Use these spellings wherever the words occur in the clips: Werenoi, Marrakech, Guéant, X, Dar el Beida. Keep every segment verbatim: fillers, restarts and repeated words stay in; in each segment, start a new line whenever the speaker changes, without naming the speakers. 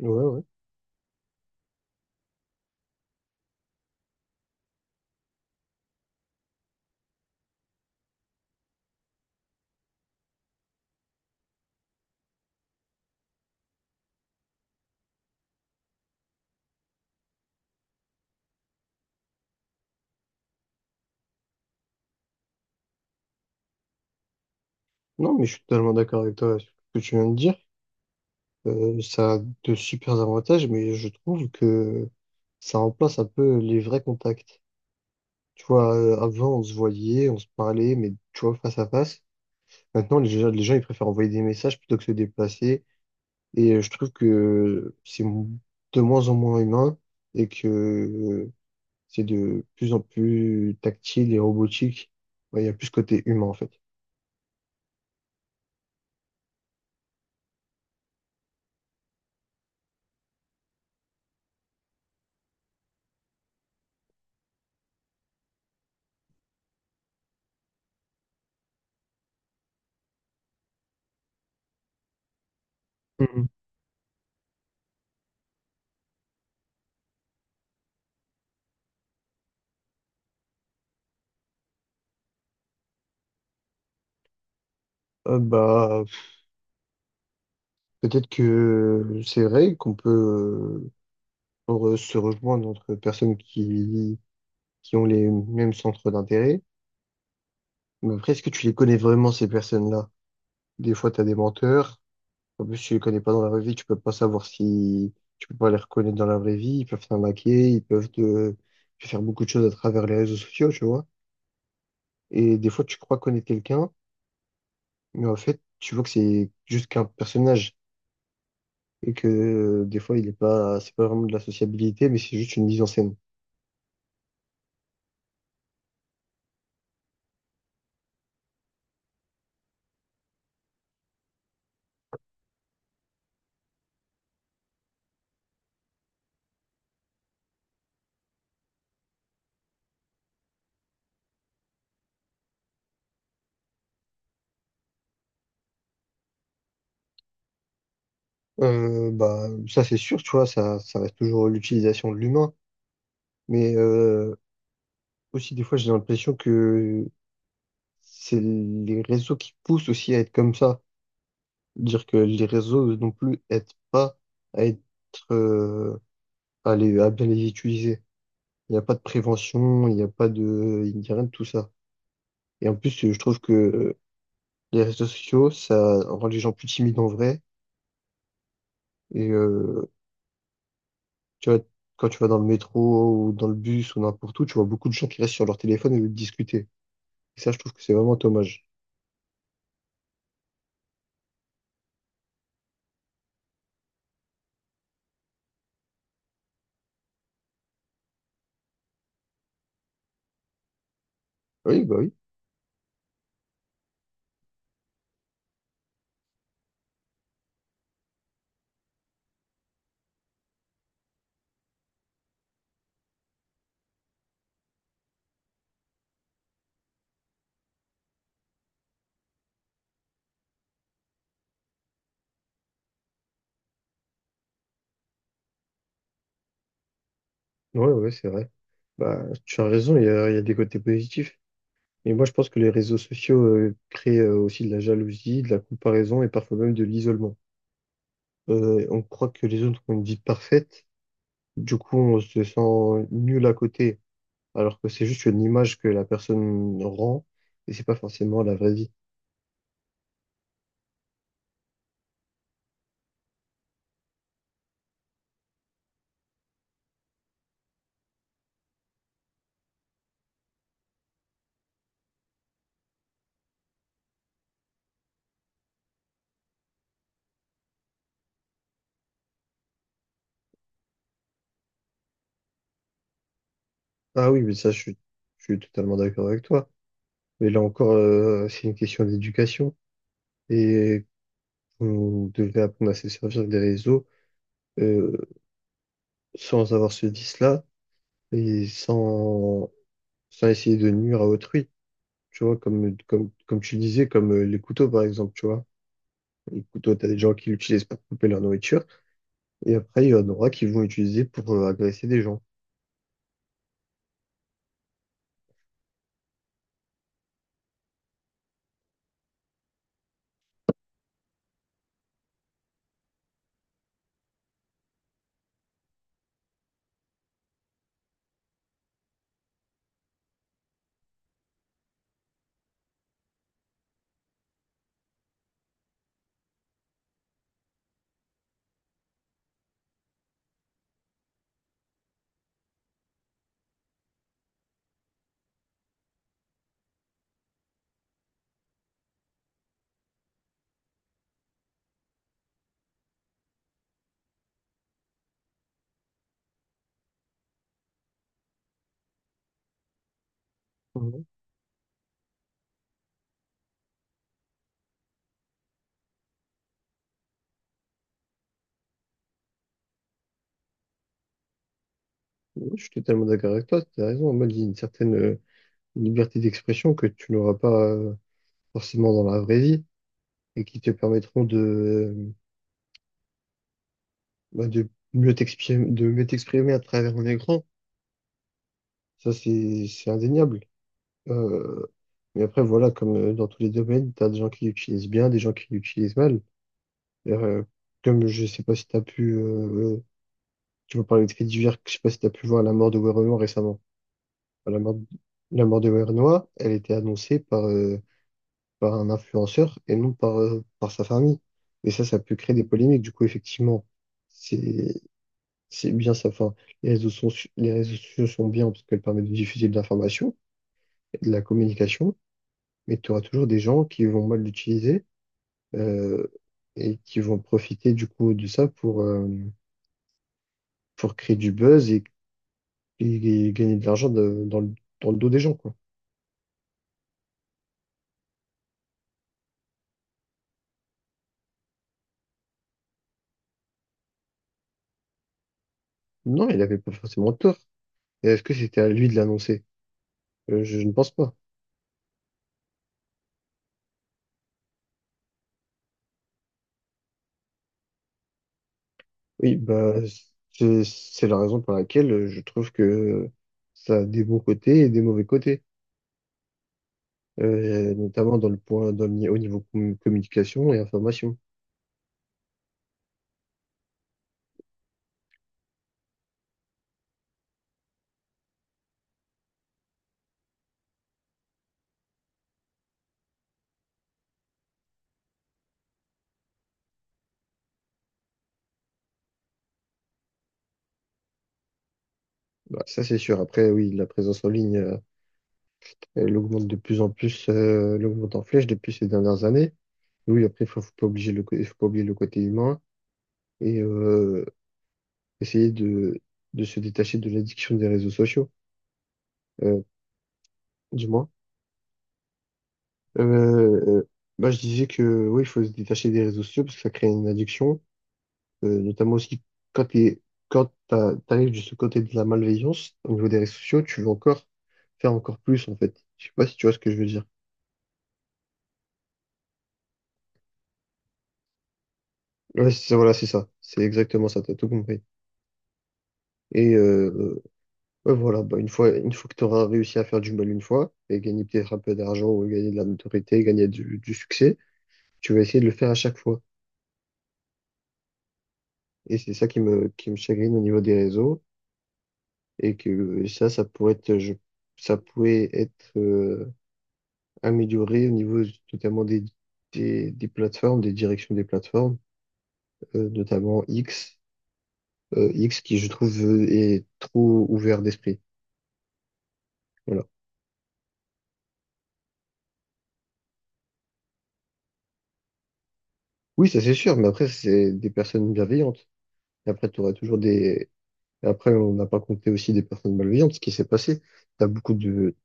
Ouais, ouais. Non, mais je suis totalement d'accord avec toi sur ce que tu viens de dire. Euh, ça a de super avantages, mais je trouve que ça remplace un peu les vrais contacts. Tu vois, euh, avant, on se voyait, on se parlait, mais tu vois, face à face. Maintenant, les gens, les gens, ils préfèrent envoyer des messages plutôt que se déplacer. Et euh, je trouve que c'est m- de moins en moins humain et que euh, c'est de plus en plus tactile et robotique. Ouais, il y a plus ce côté humain, en fait. Mhm. Euh, bah, Peut-être que c'est vrai qu'on peut euh, re- se rejoindre entre personnes qui, qui ont les mêmes centres d'intérêt. Mais après, est-ce que tu les connais vraiment, ces personnes-là? Des fois, tu as des menteurs. En plus, tu les connais pas dans la vraie vie, tu peux pas savoir si tu peux pas les reconnaître dans la vraie vie. Ils peuvent t'arnaquer, ils peuvent te, te faire beaucoup de choses à travers les réseaux sociaux, tu vois. Et des fois, tu crois connaître quelqu'un, mais en fait, tu vois que c'est juste qu'un personnage. Et que euh, des fois, il est pas, c'est pas vraiment de la sociabilité, mais c'est juste une mise en scène. Euh, bah, ça c'est sûr, tu vois, ça, ça reste toujours l'utilisation de l'humain. Mais euh, aussi, des fois, j'ai l'impression que c'est les réseaux qui poussent aussi à être comme ça. Dire que les réseaux non plus aident pas à être, euh, à les, à bien les utiliser. Il n'y a pas de prévention, il n'y a pas de, il n'y a rien de tout ça. Et en plus, je trouve que euh, les réseaux sociaux, ça rend les gens plus timides en vrai. Et euh, tu vois, quand tu vas dans le métro ou dans le bus ou n'importe où, tu vois beaucoup de gens qui restent sur leur téléphone au lieu de discuter. Et ça, je trouve que c'est vraiment dommage. Oui, bah oui. Ouais, ouais, c'est vrai. Bah, tu as raison, il y a, il y a des côtés positifs. Mais moi, je pense que les réseaux sociaux euh, créent euh, aussi de la jalousie, de la comparaison et parfois même de l'isolement. Euh, on croit que les autres ont une vie parfaite. Du coup, on se sent nul à côté, alors que c'est juste une image que la personne rend et c'est pas forcément la vraie vie. Ah oui, mais ça, je suis, je suis totalement d'accord avec toi. Mais là encore, euh, c'est une question d'éducation et on devrait apprendre à se servir des réseaux euh, sans avoir ce vice-là et sans, sans essayer de nuire à autrui. Tu vois, comme, comme, comme tu disais, comme euh, les couteaux par exemple, tu vois. Les couteaux, t'as des gens qui l'utilisent pour couper leur nourriture et après, il y en aura qui vont l'utiliser pour euh, agresser des gens. Mhm. Ouais, je suis totalement d'accord avec toi, t'as raison. En mode, il y a une certaine euh, liberté d'expression que tu n'auras pas euh, forcément dans la vraie vie et qui te permettront de, euh, bah, de mieux t'exprimer, de mieux t'exprimer à travers un écran. Ça, c'est, c'est indéniable. Euh, mais après, voilà, comme euh, dans tous les domaines, tu as des gens qui l'utilisent bien, des gens qui l'utilisent mal. Euh, comme je sais pas si tu as pu, euh, euh, tu vas parler de faits divers, je sais pas si tu as pu voir la mort de Werenoi récemment. Enfin, La mort, la mort de Werenoi, elle était annoncée par, euh, par un influenceur et non par, euh, par sa famille. Et ça, ça peut créer des polémiques. Du coup, effectivement, c'est c'est bien ça. Enfin, les réseaux sont, les réseaux sociaux sont bien parce qu'elles permettent de diffuser de l'information et de la communication, mais tu auras toujours des gens qui vont mal l'utiliser euh, et qui vont profiter du coup de ça pour, euh, pour créer du buzz et, et gagner de l'argent de- dans le, dans le dos des gens, quoi. Non, il n'avait pas forcément tort. Et est-ce que c'était à lui de l'annoncer? Euh, je, je ne pense pas. Oui, bah, c'est c'est la raison pour laquelle euh, je trouve que ça a des bons côtés et des mauvais côtés. euh, notamment dans le point, dans le au niveau com- communication et information. Bah, ça, c'est sûr. Après, oui, la présence en ligne, euh, elle augmente de plus en plus, euh, elle augmente en flèche depuis ces dernières années. Oui, après, il faut, faut pas obliger le, co- faut pas oublier le côté humain et euh, essayer de, de se détacher de l'addiction des réseaux sociaux, euh, du moins. Euh, euh, bah, je disais que oui, il faut se détacher des réseaux sociaux parce que ça crée une addiction. euh, notamment aussi quand t'es, quand t'as- t'arrives de ce côté de la malveillance au niveau des réseaux sociaux, tu veux encore faire encore plus en fait. Je sais pas si tu vois ce que je veux dire. Ouais, c'est ça, voilà, c'est ça. C'est exactement ça, t'as tout compris. Et euh, euh, ouais, voilà, bah, une fois, une fois que tu auras réussi à faire du mal une fois, et gagner peut-être un peu d'argent, ou gagner de la notoriété, gagner du, du succès, tu vas essayer de le faire à chaque fois. Et c'est ça qui me, qui me chagrine au niveau des réseaux, et que ça, ça pourrait être, je- ça pourrait être euh, amélioré au niveau notamment des, des, des plateformes, des directions des plateformes, euh, notamment X, euh, X qui je trouve euh, est trop ouvert d'esprit. Voilà. Oui, ça c'est sûr, mais après c'est des personnes bienveillantes. Et après tu auras toujours des. Et après on n'a pas compté aussi des personnes malveillantes, ce qui s'est passé. T'as beaucoup de,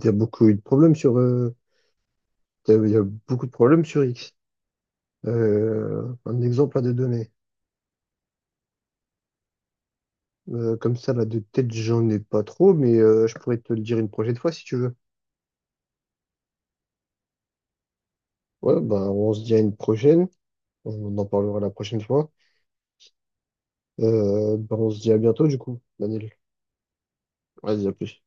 t'as beaucoup eu de problèmes sur. euh, t'as- Il y a beaucoup de problèmes sur X. Euh, un exemple à te donner. Euh, comme ça, là, de tête, j'en ai pas trop, mais euh, je pourrais te le dire une prochaine fois si tu veux. Ouais, bah, on se dit à une prochaine. On en parlera la prochaine fois. Euh, bah, on se dit à bientôt, du coup, Daniel. Vas-y, à plus.